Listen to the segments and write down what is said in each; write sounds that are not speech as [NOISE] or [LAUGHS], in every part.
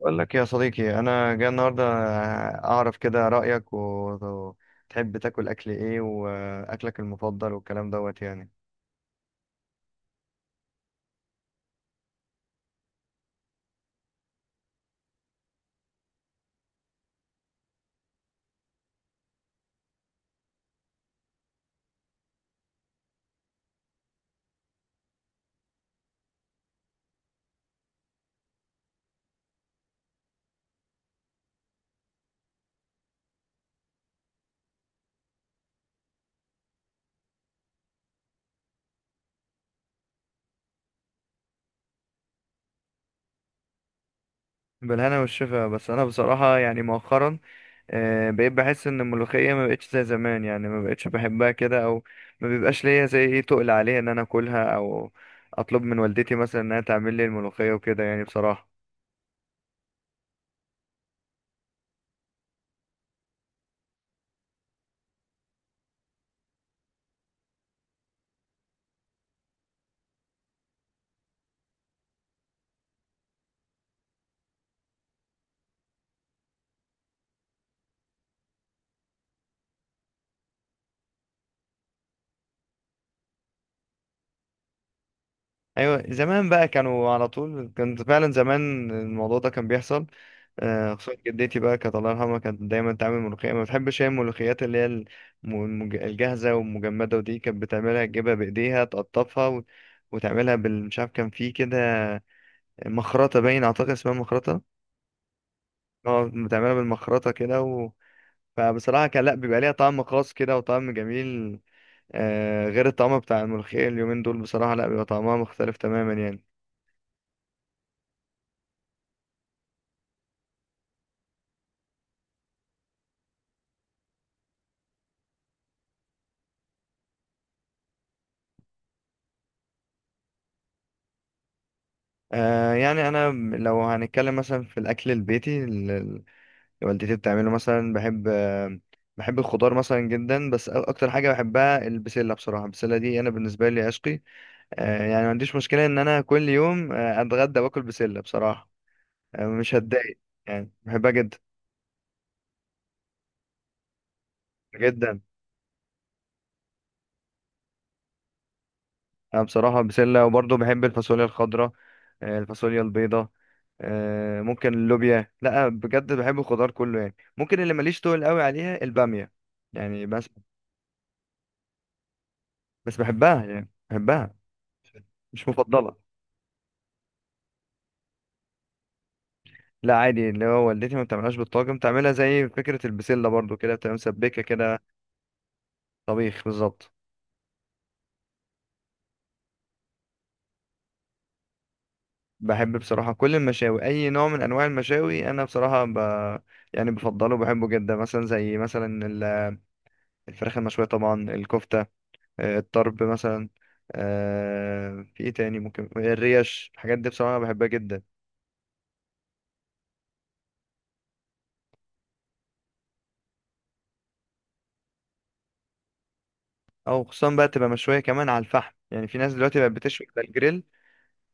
بقول لك إيه يا صديقي، انا جاي النهارده اعرف كده رايك وتحب تاكل اكل ايه، واكلك المفضل والكلام دوت يعني. بالهنا والشفا. بس انا بصراحه يعني مؤخرا بقيت بحس ان الملوخيه ما بقتش زي زمان، يعني ما بقتش بحبها كده، او ما بيبقاش ليا زي ايه تقل عليها ان انا اكلها، او اطلب من والدتي مثلا انها تعمل لي الملوخيه وكده يعني بصراحه. ايوه زمان بقى، كانوا على طول كان فعلا زمان الموضوع ده كان بيحصل. خصوصا جدتي بقى كانت الله يرحمها، كانت دايما تعمل ملوخيه، ما بتحبش هي الملوخيات اللي هي الجاهزه والمجمده. ودي كانت بتعملها تجيبها بايديها تقطفها وتعملها مش عارف كان في كده مخرطه، باين اعتقد اسمها مخرطه. اه، بتعملها بالمخرطه كده فبصراحه كان لا بيبقى ليها طعم خاص كده وطعم جميل. غير الطعم بتاع الملوخيه اليومين دول، بصراحه لا بيبقى طعمها مختلف تماما يعني. يعني انا، لو هنتكلم مثلا في الاكل البيتي اللي والدتي بتعمله مثلا، بحب بحب الخضار مثلا جدا. بس اكتر حاجه بحبها البسله بصراحه، البسله دي انا بالنسبه لي عشقي. يعني ما عنديش مشكله ان انا كل يوم اتغدى واكل بسله بصراحه. آه، مش هتضايق، يعني بحبها جدا جدا. انا بصراحه بسله وبرضه بحب الفاصوليا الخضراء، الفاصوليا البيضاء، ممكن اللوبيا. لا بجد بحب الخضار كله يعني، ممكن اللي ماليش تقول قوي عليها الباميه يعني. بس بحبها، يعني بحبها مش مفضله. لا عادي، اللي هو والدتي ما بتعملهاش بالطاجن، بتعملها زي فكره البسله برضو كده، بتبقى مسبكه كده. طبيخ بالظبط. بحب بصراحه كل المشاوي، اي نوع من انواع المشاوي انا بصراحه يعني بفضله وبحبه جدا. مثلا زي مثلا الفراخ المشويه طبعا، الكفته، الطرب مثلا، في ايه تاني ممكن الريش. الحاجات دي بصراحة بحبها جدا. او خصوصا بقى تبقى مشوية كمان على الفحم، يعني في ناس دلوقتي بقت بتشوي على الجريل.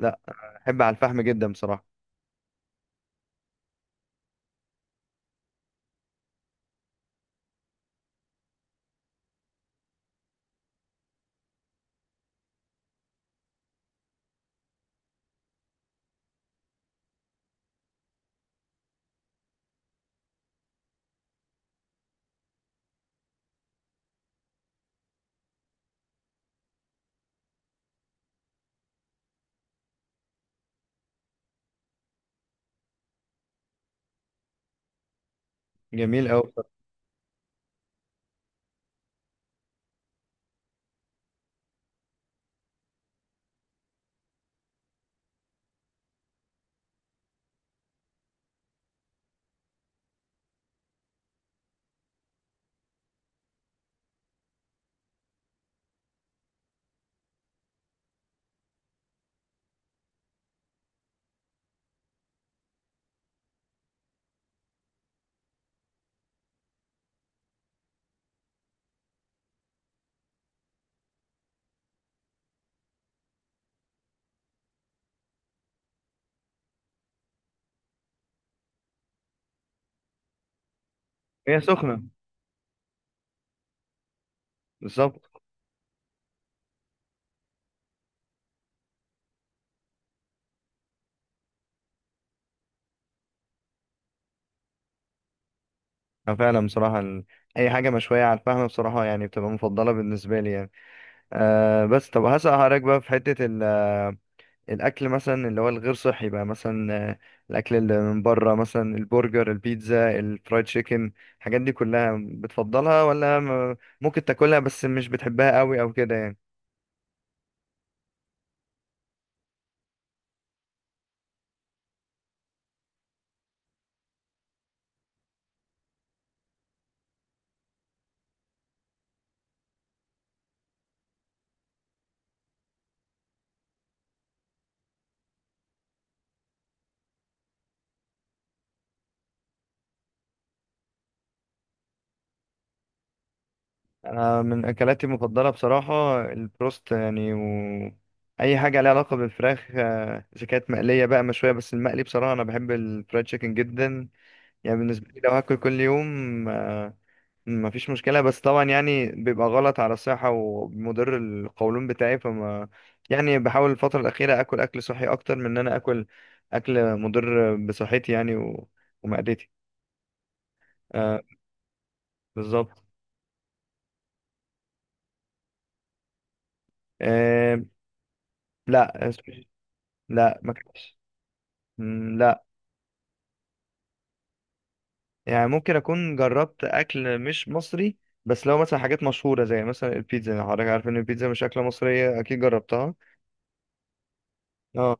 لا. بحب على الفحم جدا بصراحة. جميل أوي بصراحة. هي سخنة. بالظبط. أه فعلا بصراحة، أي حاجة مشوية على الفحم بصراحة يعني بتبقى مفضلة بالنسبة لي يعني. أه. بس طب هسأل حضرتك بقى، في حتة الاكل مثلا اللي هو الغير صحي بقى، مثلا الاكل اللي من بره مثلا، البرجر، البيتزا، الفرايد تشيكن، الحاجات دي كلها بتفضلها ولا ممكن تاكلها بس مش بتحبها قوي او كده يعني؟ انا من اكلاتي المفضله بصراحه البروست يعني اي حاجه ليها علاقه بالفراخ، اذا كانت مقليه بقى مشويه، بس المقلي بصراحه انا بحب الفرايد تشيكن جدا. يعني بالنسبه لي لو هاكل كل يوم، ما فيش مشكلة. بس طبعا يعني بيبقى غلط على الصحة ومضر القولون بتاعي، فما يعني بحاول الفترة الأخيرة أكل أكل صحي أكتر من إن أنا أكل أكل مضر بصحتي يعني ومعدتي. آه، بالظبط. آه. لا لا ما كنتش. مم، لا. يعني ممكن أكون جربت أكل مش مصري، بس لو مثلا حاجات مشهورة زي مثلا البيتزا، حضرتك عارف إن البيتزا مش أكلة مصرية، أكيد جربتها. اه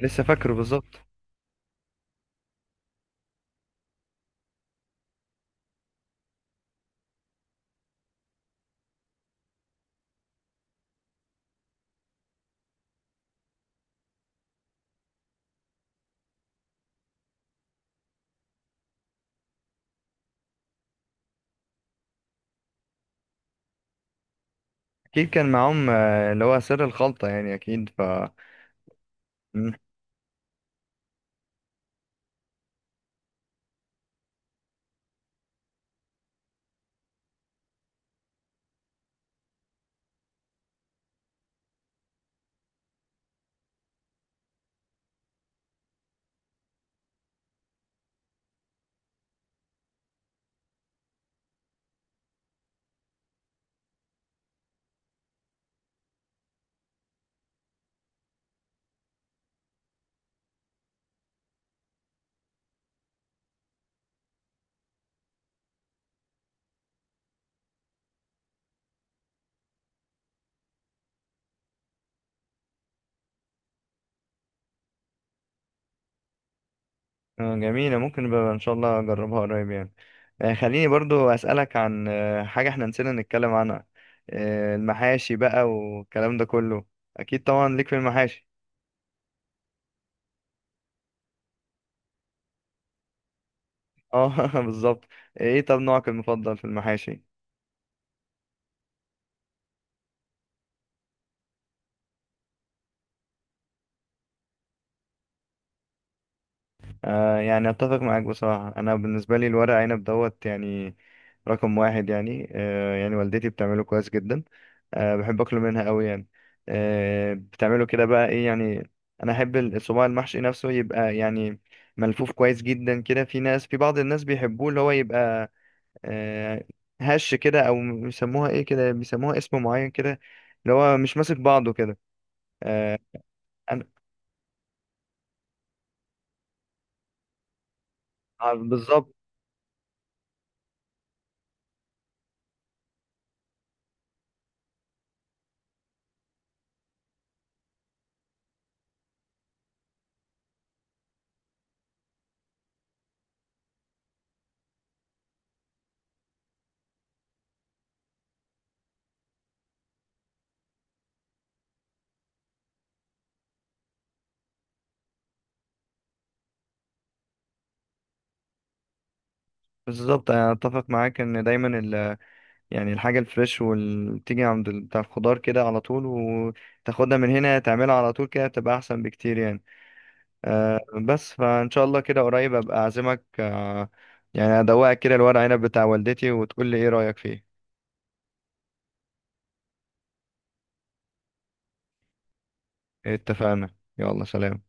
لسه فاكره بالظبط. اكيد كان معاهم اللي هو سر الخلطة، يعني اكيد مم. جميلة، ممكن بقى ان شاء الله اجربها قريب يعني. خليني برضو اسألك عن حاجة احنا نسينا نتكلم عنها، المحاشي بقى والكلام ده كله. اكيد طبعا ليك في المحاشي. اه [LAUGHS] بالظبط. ايه طب نوعك المفضل في المحاشي؟ يعني اتفق معاك بصراحة، انا بالنسبة لي الورق عنب دوت يعني، رقم واحد يعني. يعني والدتي بتعمله كويس جدا، بحب اكله منها قوي يعني. بتعمله كده بقى ايه يعني، انا احب الصباع المحشي نفسه يبقى يعني ملفوف كويس جدا كده. في بعض الناس بيحبوه، اللي هو يبقى آه هش كده، او بيسموها ايه كده، بيسموها اسم معين كده، اللي هو مش ماسك بعضه كده. آه أنا- بالظبط. بالظبط انا اتفق معاك ان دايما يعني الحاجة الفريش، واللي بتيجي عند بتاع الخضار كده على طول وتاخدها من هنا تعملها على طول كده، بتبقى أحسن بكتير يعني. آه بس فإن شاء الله كده قريب أبقى أعزمك، يعني أدوقك كده الورق عنب بتاع والدتي وتقول لي إيه رأيك فيه. اتفقنا، يلا سلام.